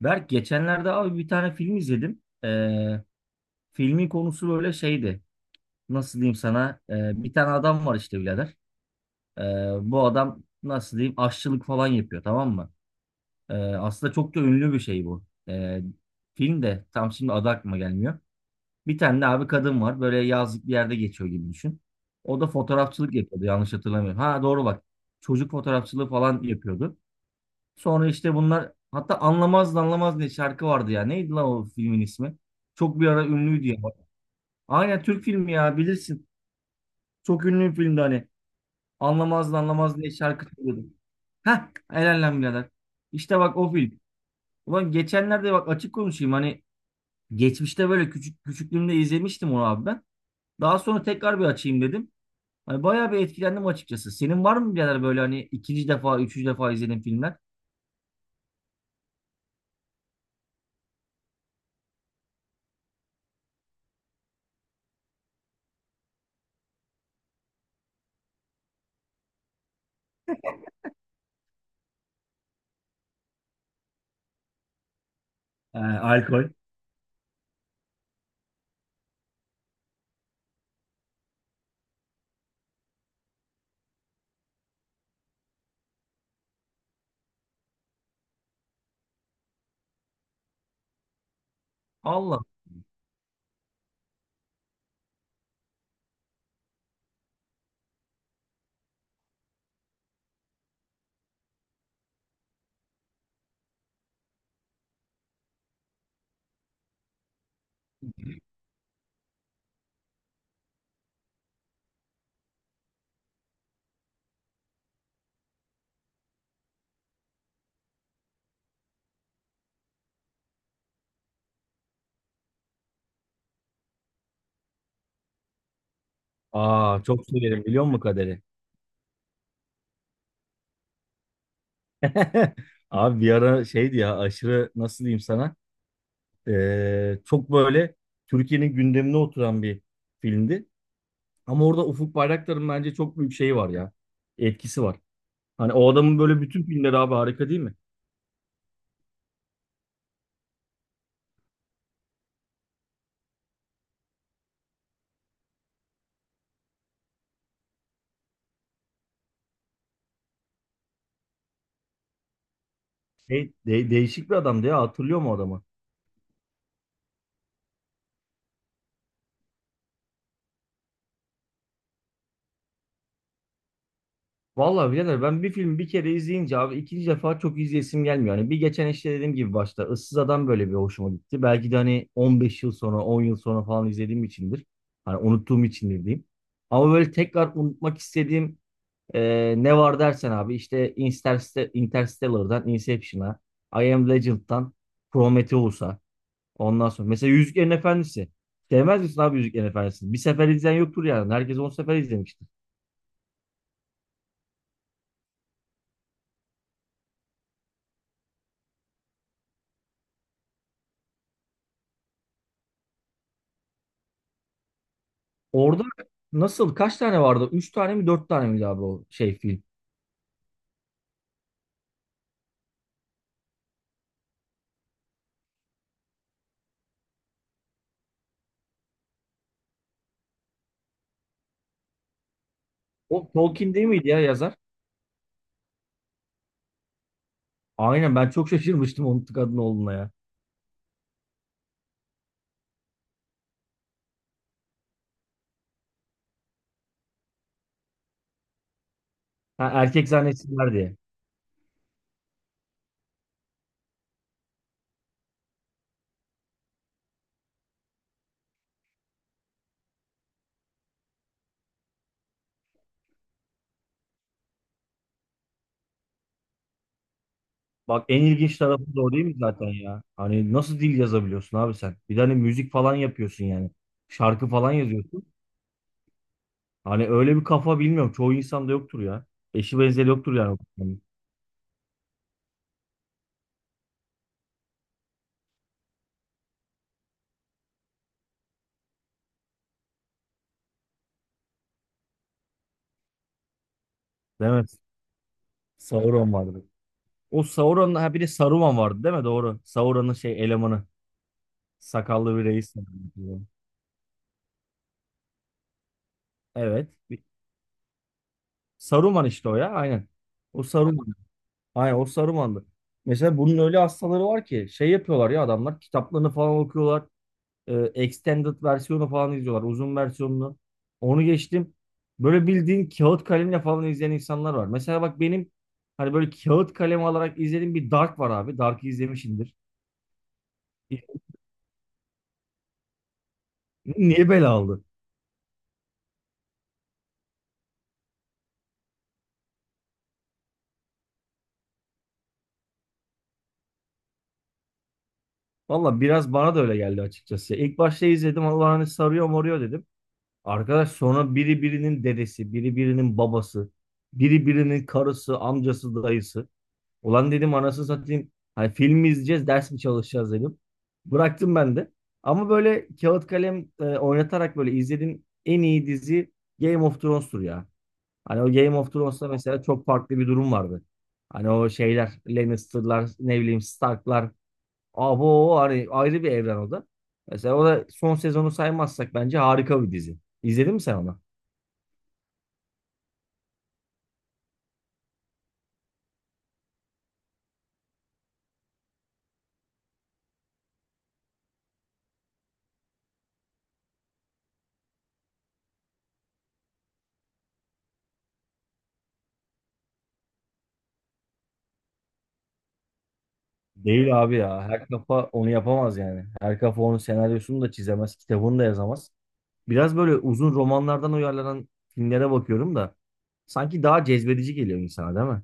Berk geçenlerde abi bir tane film izledim. Filmin konusu böyle şeydi. Nasıl diyeyim sana? Bir tane adam var işte birader. Ee, Bu adam nasıl diyeyim aşçılık falan yapıyor, tamam mı? Aslında çok da ünlü bir şey bu. Ee, Film de tam şimdi adı aklıma gelmiyor. Bir tane de abi kadın var. Böyle yazlık bir yerde geçiyor gibi düşün. O da fotoğrafçılık yapıyordu yanlış hatırlamıyorum. Ha doğru bak. Çocuk fotoğrafçılığı falan yapıyordu. Sonra işte bunlar hatta anlamaz da anlamaz diye şarkı vardı ya. Neydi lan o filmin ismi? Çok bir ara ünlüydü ya. Aynen Türk filmi ya, bilirsin. Çok ünlü bir filmdi hani. Anlamaz da anlamaz diye şarkı söylüyordu. Heh, helal lan birader. İşte bak o film. Ulan geçenlerde bak açık konuşayım, hani geçmişte böyle küçük küçüklüğümde izlemiştim onu abi ben. Daha sonra tekrar bir açayım dedim. Hani bayağı bir etkilendim açıkçası. Senin var mı birader böyle hani ikinci defa, üçüncü defa izlediğin filmler? Alkol. Allah. Aa, çok severim biliyor musun Kader'i? Abi bir ara şeydi ya, aşırı nasıl diyeyim sana, çok böyle Türkiye'nin gündemine oturan bir filmdi. Ama orada Ufuk Bayraktar'ın bence çok büyük şeyi var ya, etkisi var. Hani o adamın böyle bütün filmleri abi harika değil mi? Şey, değişik bir adamdı ya, hatırlıyor mu adamı? Vallahi birader, ben bir filmi bir kere izleyince abi ikinci defa çok izleyesim gelmiyor. Hani bir geçen işte dediğim gibi başta Issız Adam böyle bir hoşuma gitti. Belki de hani 15 yıl sonra 10 yıl sonra falan izlediğim içindir. Hani unuttuğum içindir diyeyim. Ama böyle tekrar unutmak istediğim, e, ne var dersen abi işte Interstellar'dan Inception'a, I Am Legend'dan Prometheus'a, ondan sonra. Mesela Yüzüklerin Efendisi. Sevmez misin abi Yüzüklerin Efendisi'ni? Bir sefer izleyen yoktur yani. Herkes 10 sefer izlemiş. Orada nasıl, kaç tane vardı? Üç tane mi dört tane miydi abi o şey film? O Tolkien değil miydi ya, yazar? Aynen, ben çok şaşırmıştım onun kadın olduğuna ya. Ha, erkek zannetsinler diye. Bak en ilginç tarafı da o değil mi zaten ya? Hani nasıl dil yazabiliyorsun abi sen? Bir tane müzik falan yapıyorsun yani. Şarkı falan yazıyorsun. Hani öyle bir kafa, bilmiyorum. Çoğu insanda yoktur ya. Eşi benzeri yoktur yani o kafanın. Değil mi? Sauron vardı. O Sauron'la ha bir de Saruman vardı değil mi? Doğru. Sauron'un şey elemanı. Sakallı bir reis. Evet. Saruman işte o ya. Aynen. O Saruman. Aynen, o Saruman'dı. Mesela bunun öyle hastaları var ki şey yapıyorlar ya, adamlar kitaplarını falan okuyorlar. Extended versiyonu falan izliyorlar. Uzun versiyonunu. Onu geçtim. Böyle bildiğin kağıt kalemle falan izleyen insanlar var. Mesela bak benim hani böyle kağıt kalem alarak izlediğim bir Dark var abi. Dark'ı izlemişsindir. Niye bela aldı? Valla biraz bana da öyle geldi açıkçası. İlk başta izledim, Allah'ını sarıyor moruyor dedim. Arkadaş sonra biri birinin dedesi, biri birinin babası, biri birinin karısı, amcası, dayısı. Ulan dedim anasını satayım. Hani film mi izleyeceğiz, ders mi çalışacağız dedim. Bıraktım ben de. Ama böyle kağıt kalem oynatarak böyle izlediğim en iyi dizi Game of Thrones'tur ya. Hani o Game of Thrones'ta mesela çok farklı bir durum vardı. Hani o şeyler, Lannister'lar, ne bileyim Stark'lar. Abo, hani ayrı bir evren o da. Mesela o da son sezonu saymazsak bence harika bir dizi. İzledin mi sen onu? Değil abi ya. Her kafa onu yapamaz yani. Her kafa onun senaryosunu da çizemez, kitabını da yazamaz. Biraz böyle uzun romanlardan uyarlanan filmlere bakıyorum da sanki daha cezbedici geliyor insana değil mi?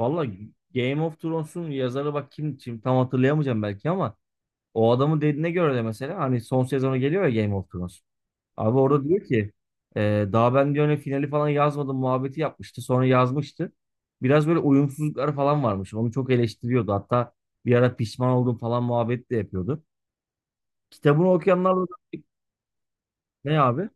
Vallahi Game of Thrones'un yazarı bak kim, kim tam hatırlayamayacağım belki ama o adamın dediğine göre de mesela hani son sezonu geliyor ya Game of Thrones. Abi orada diyor ki daha ben diyor hani finali falan yazmadım muhabbeti yapmıştı. Sonra yazmıştı. Biraz böyle uyumsuzluklar falan varmış. Onu çok eleştiriyordu. Hatta bir ara pişman oldum falan muhabbet de yapıyordu. Kitabını okuyanlar da ne abi?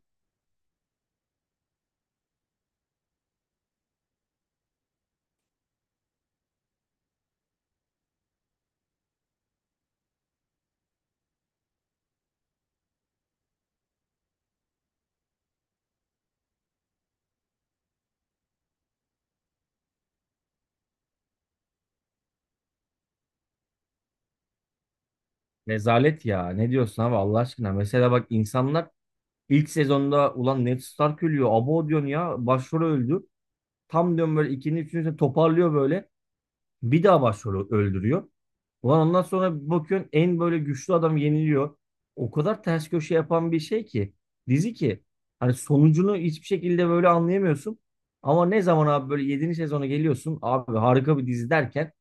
Rezalet ya. Ne diyorsun abi Allah aşkına? Mesela bak insanlar ilk sezonda ulan Ned Stark ölüyor. Abo diyorsun ya. Başrol öldü. Tam diyorum böyle ikinci, üçüncü sezon toparlıyor böyle. Bir daha başrolü öldürüyor. Ulan ondan sonra bakıyorsun en böyle güçlü adam yeniliyor. O kadar ters köşe yapan bir şey ki, dizi ki, hani sonucunu hiçbir şekilde böyle anlayamıyorsun. Ama ne zaman abi böyle 7. sezona geliyorsun abi harika bir dizi derken,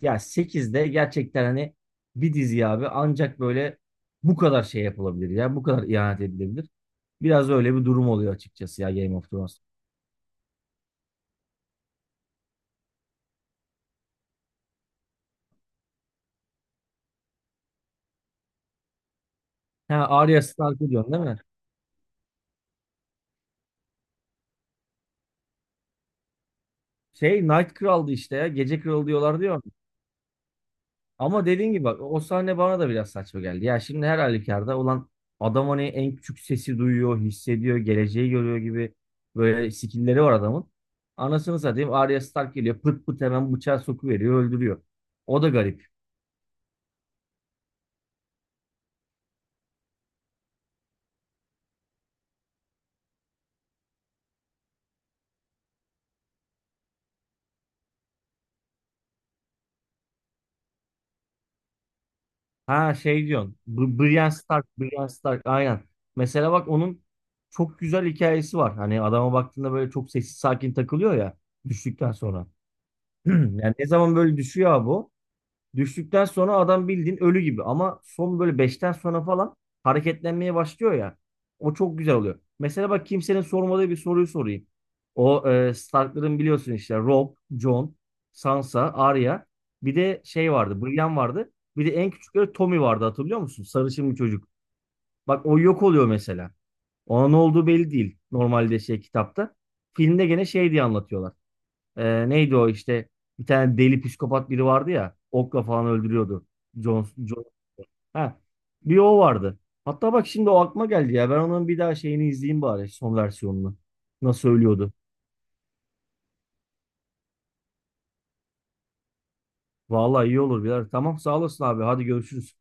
ya 8'de gerçekten hani bir dizi abi ancak böyle bu kadar şey yapılabilir ya, bu kadar ihanet edilebilir. Biraz öyle bir durum oluyor açıkçası ya Game of Thrones. Ha Arya Stark'ı diyorsun değil mi? Şey Night Kral'dı işte ya. Gece Kralı diyorlar diyor. Ama dediğin gibi bak o sahne bana da biraz saçma geldi. Ya şimdi her halükarda olan adam hani en küçük sesi duyuyor, hissediyor, geleceği görüyor gibi, böyle skillleri var adamın. Anasını satayım Arya Stark geliyor pıt pıt hemen bıçağı sokuveriyor, öldürüyor. O da garip. Ha şey diyorsun, Brienne Stark, Brienne Stark, aynen. Mesela bak onun çok güzel hikayesi var. Hani adama baktığında böyle çok sessiz sakin takılıyor ya düştükten sonra. Yani ne zaman böyle düşüyor abi o? Düştükten sonra adam bildiğin ölü gibi ama son böyle beşten sonra falan hareketlenmeye başlıyor ya. O çok güzel oluyor. Mesela bak kimsenin sormadığı bir soruyu sorayım. O Stark'ların biliyorsun işte Robb, Jon, Sansa, Arya. Bir de şey vardı, Brienne vardı. Bir de en küçükleri Tommy vardı hatırlıyor musun? Sarışın bir çocuk. Bak o yok oluyor mesela. Ona ne olduğu belli değil normalde şey kitapta. Filmde gene şey diye anlatıyorlar. Neydi o işte, bir tane deli psikopat biri vardı ya okla falan öldürüyordu. John. Ha, bir o vardı. Hatta bak şimdi o aklıma geldi ya. Ben onun bir daha şeyini izleyeyim bari, son versiyonunu. Nasıl ölüyordu. Vallahi iyi olur birader. Tamam sağ olasın abi. Hadi görüşürüz.